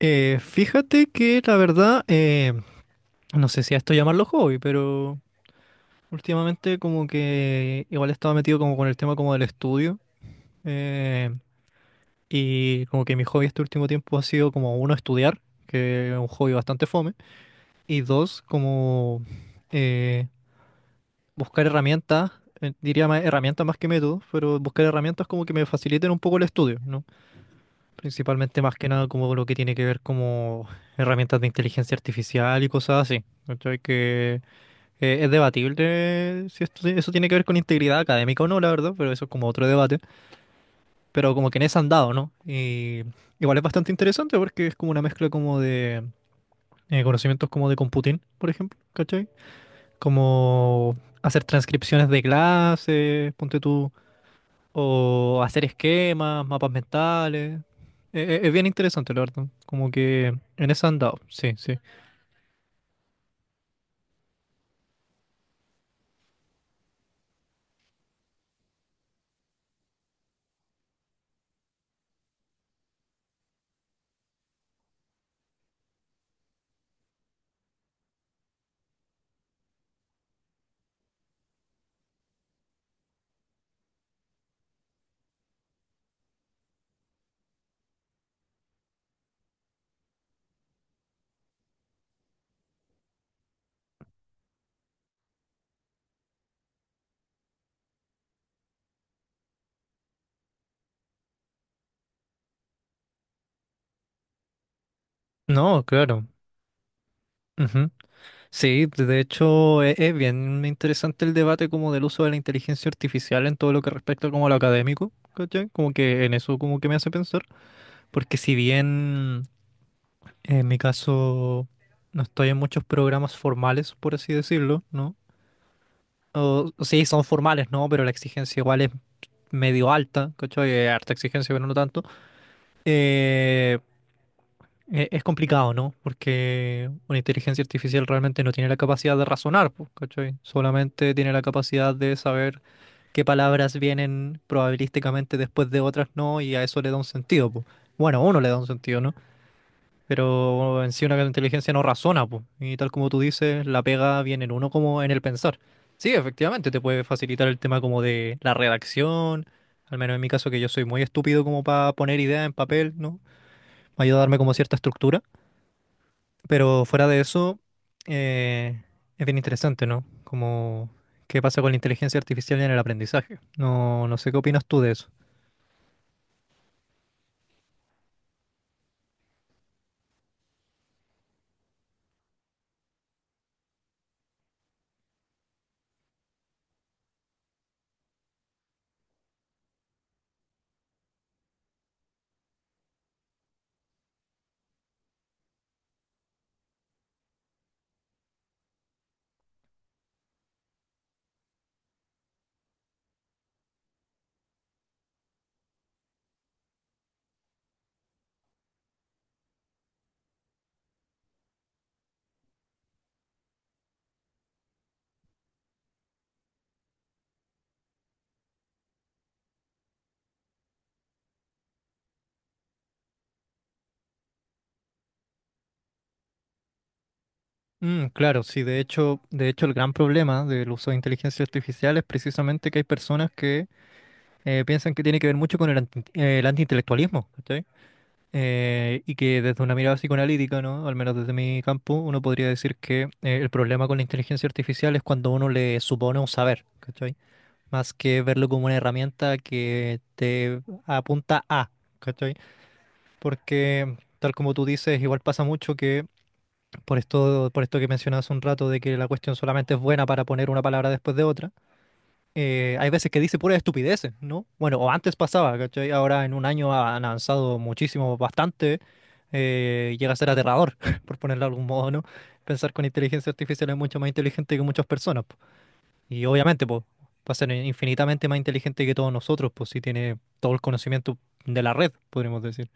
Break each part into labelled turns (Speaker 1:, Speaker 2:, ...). Speaker 1: Fíjate que la verdad, no sé si a esto llamarlo hobby, pero últimamente como que igual estaba metido como con el tema como del estudio eh, y como que mi hobby este último tiempo ha sido como uno estudiar, que es un hobby bastante fome, y dos como eh, buscar herramientas, diría más herramientas más que métodos, pero buscar herramientas como que me faciliten un poco el estudio, ¿no? Principalmente más que nada como lo que tiene que ver como herramientas de inteligencia artificial y cosas así. ¿Cachai? Que es debatible si eso tiene que ver con integridad académica o no, la verdad, pero eso es como otro debate. Pero como que en ese andado, ¿no? Y igual es bastante interesante porque es como una mezcla como de conocimientos como de computing, por ejemplo, ¿cachai? Como hacer transcripciones de clases, ponte tú, o hacer esquemas, mapas mentales. Es bien interesante, la verdad. Como que en eso han dado. Sí, sí. No, claro. Ujú. Sí, de hecho es, bien interesante el debate como del uso de la inteligencia artificial en todo lo que respecta como a lo académico, ¿cachai? Como que en eso como que me hace pensar, porque si bien en mi caso no estoy en muchos programas formales, por así decirlo, ¿no? O sí, son formales, ¿no? Pero la exigencia igual es medio alta, ¿cachai? Harta exigencia, pero no tanto. Eh, es complicado, ¿no? Porque una inteligencia artificial realmente no tiene la capacidad de razonar, po, ¿cachai? Solamente tiene la capacidad de saber qué palabras vienen probabilísticamente después de otras no, y a eso le da un sentido, po. Bueno, a uno le da un sentido, ¿no? Pero en sí una inteligencia no razona, pues. Y tal como tú dices, la pega viene en uno como en el pensar. Sí, efectivamente, te puede facilitar el tema como de la redacción, al menos en mi caso que yo soy muy estúpido como para poner ideas en papel, ¿no? Me ayuda a darme como cierta estructura. Pero fuera de eso, eh, es bien interesante, ¿no? Como qué pasa con la inteligencia artificial en el aprendizaje. No, no sé qué opinas tú de eso. Mm, claro, sí, de hecho el gran problema del uso de inteligencia artificial es precisamente que hay personas que piensan que tiene que ver mucho con el, el antiintelectualismo, ¿cachai? Y que desde una mirada psicoanalítica, ¿no? Al menos desde mi campo, uno podría decir que el problema con la inteligencia artificial es cuando uno le supone un saber, ¿cachai? Más que verlo como una herramienta que te apunta a, ¿cachai? Porque tal como tú dices, igual pasa mucho que por esto que mencionas un rato de que la cuestión solamente es buena para poner una palabra después de otra hay veces que dice pura estupidez, ¿no? Bueno, o antes pasaba, ¿cachai? Ahora en un año han avanzado muchísimo, bastante. Llega a ser aterrador, por ponerlo de algún modo, ¿no? Pensar con inteligencia artificial es mucho más inteligente que muchas personas, po. Y obviamente, pues, va a ser infinitamente más inteligente que todos nosotros, pues, si tiene todo el conocimiento de la red, podríamos decir.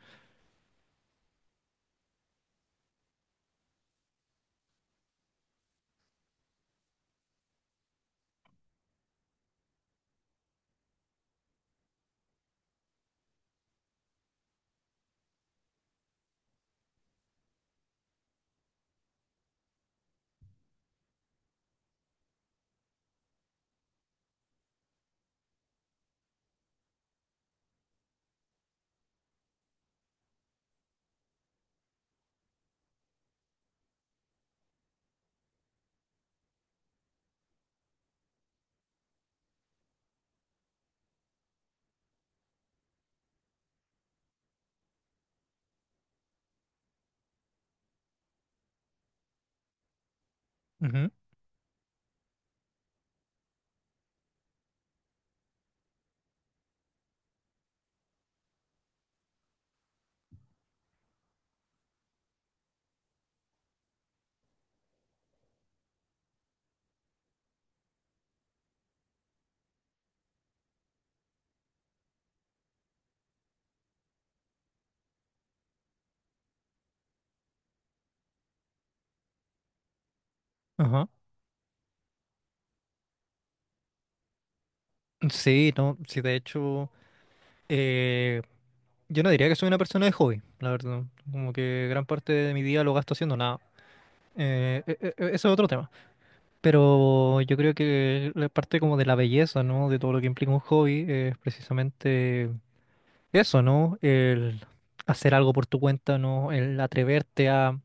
Speaker 1: Ujú. Ajá. Sí, no, sí, de hecho, eh, yo no diría que soy una persona de hobby, la verdad. Como que gran parte de mi día lo gasto haciendo nada. Eso es otro tema. Pero yo creo que la parte como de la belleza, ¿no? De todo lo que implica un hobby es precisamente eso, ¿no? El hacer algo por tu cuenta, ¿no? El atreverte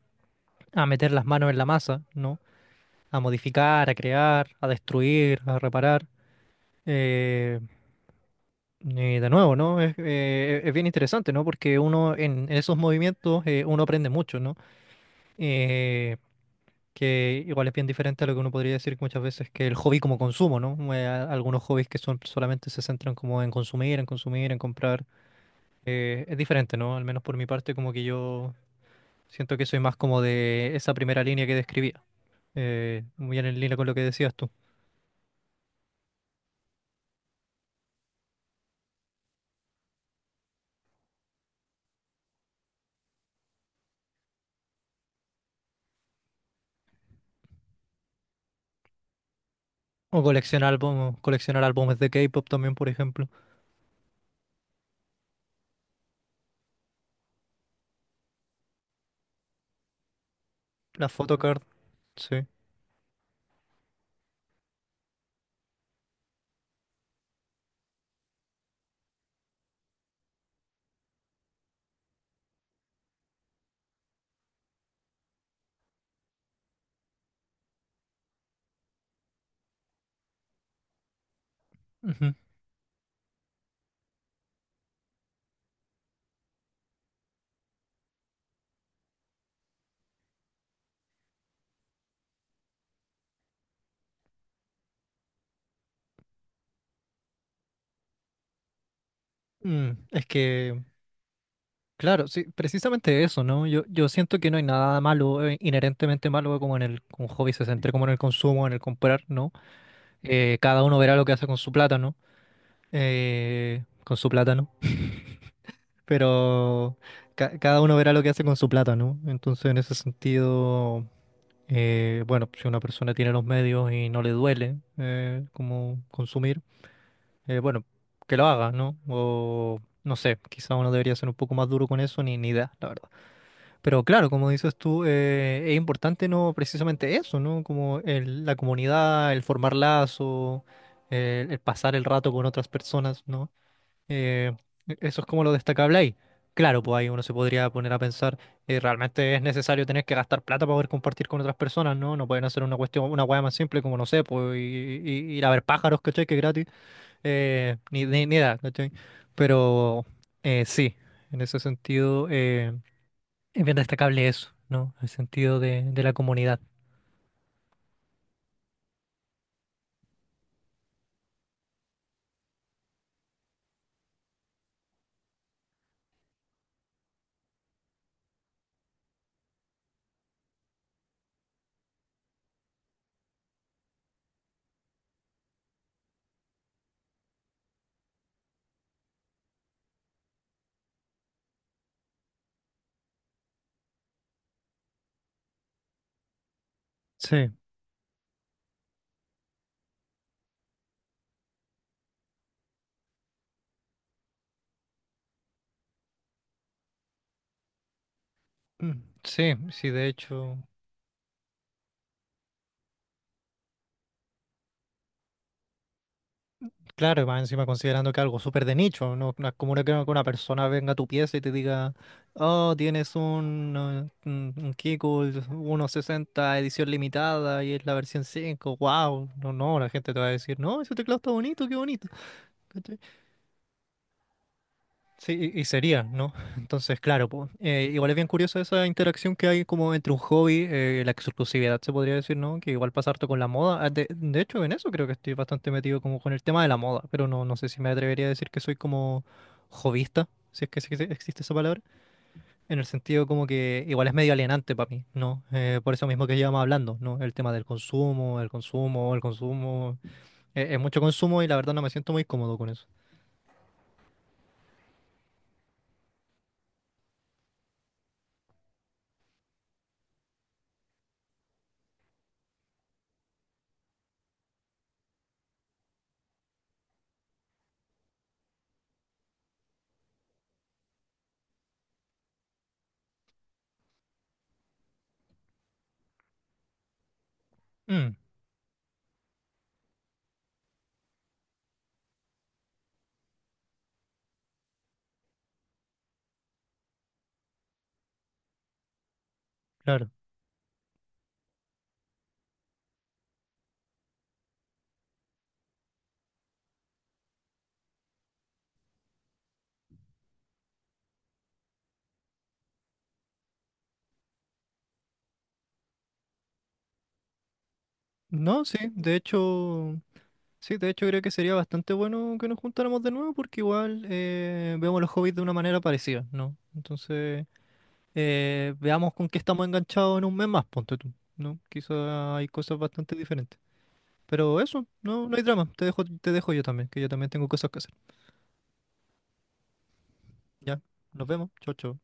Speaker 1: a meter las manos en la masa, ¿no? A modificar, a crear, a destruir, a reparar. Eh, y de nuevo, ¿no? Es bien interesante, ¿no? Porque uno en esos movimientos, uno aprende mucho, ¿no? Eh, que igual es bien diferente a lo que uno podría decir muchas veces que el hobby como consumo, ¿no? Algunos hobbies que son solamente se centran como en consumir, en consumir, en comprar. Es diferente, ¿no? Al menos por mi parte, como que yo siento que soy más como de esa primera línea que describía, muy bien en línea con lo que decías tú. O coleccionar álbumes de K-pop también, por ejemplo. La photocard, sí. Ujú. Mm, es que claro, sí, precisamente eso, ¿no? Yo siento que no hay nada malo, inherentemente malo, como en el como hobby se centre, como en el consumo, en el comprar, ¿no? Cada uno verá lo que hace con su plata, ¿no? Con su plata, ¿no? Pero cada uno verá lo que hace con su plata, ¿no? Entonces, en ese sentido, bueno, si una persona tiene los medios y no le duele como consumir, bueno, que lo haga, ¿no? O no sé, quizá uno debería ser un poco más duro con eso, ni idea, la verdad. Pero claro, como dices tú, es importante no precisamente eso, ¿no? Como la comunidad, el formar lazos, el pasar el rato con otras personas, ¿no? Eh, Eso es como lo destacable ahí. Claro, pues ahí uno se podría poner a pensar, realmente es necesario tener que gastar plata para poder compartir con otras personas, ¿no? No pueden hacer una cuestión, una hueá más simple como, no sé, pues ir a ver pájaros, ¿cachai? Que es gratis, ni idea, ¿cachai? Pero sí, en ese sentido. Es bien destacable eso, ¿no? El sentido de la comunidad. Sí, mm, sí, sí, de hecho, claro, y más encima considerando que algo súper de nicho, no, no es como que una persona venga a tu pieza y te diga, oh, tienes un Kegel 1.60 edición limitada y es la versión 5. Wow, no, no, la gente te va a decir, no, ese teclado está bonito, qué bonito. Sí, y sería, ¿no? Entonces, claro, po, igual es bien curioso esa interacción que hay como entre un hobby, la exclusividad se podría decir, ¿no? Que igual pasa pasarte con la moda. Ah, de hecho, en eso creo que estoy bastante metido como con el tema de la moda, pero no, no sé si me atrevería a decir que soy como hobbyista, si es que existe esa palabra, en el sentido como que igual es medio alienante para mí, ¿no? Por eso mismo que llevamos hablando, ¿no? El tema del consumo, el consumo, el consumo. Es mucho consumo y la verdad no me siento muy cómodo con eso. Mm, claro. No, sí, de hecho. Sí, de hecho creo que sería bastante bueno que nos juntáramos de nuevo porque igual vemos los hobbies de una manera parecida, ¿no? Entonces, veamos con qué estamos enganchados en 1 mes más, ponte tú, ¿no? Quizá hay cosas bastante diferentes. Pero eso, no, no hay drama. Te dejo yo también, que yo también tengo cosas que hacer. Ya, nos vemos. Chao, chao.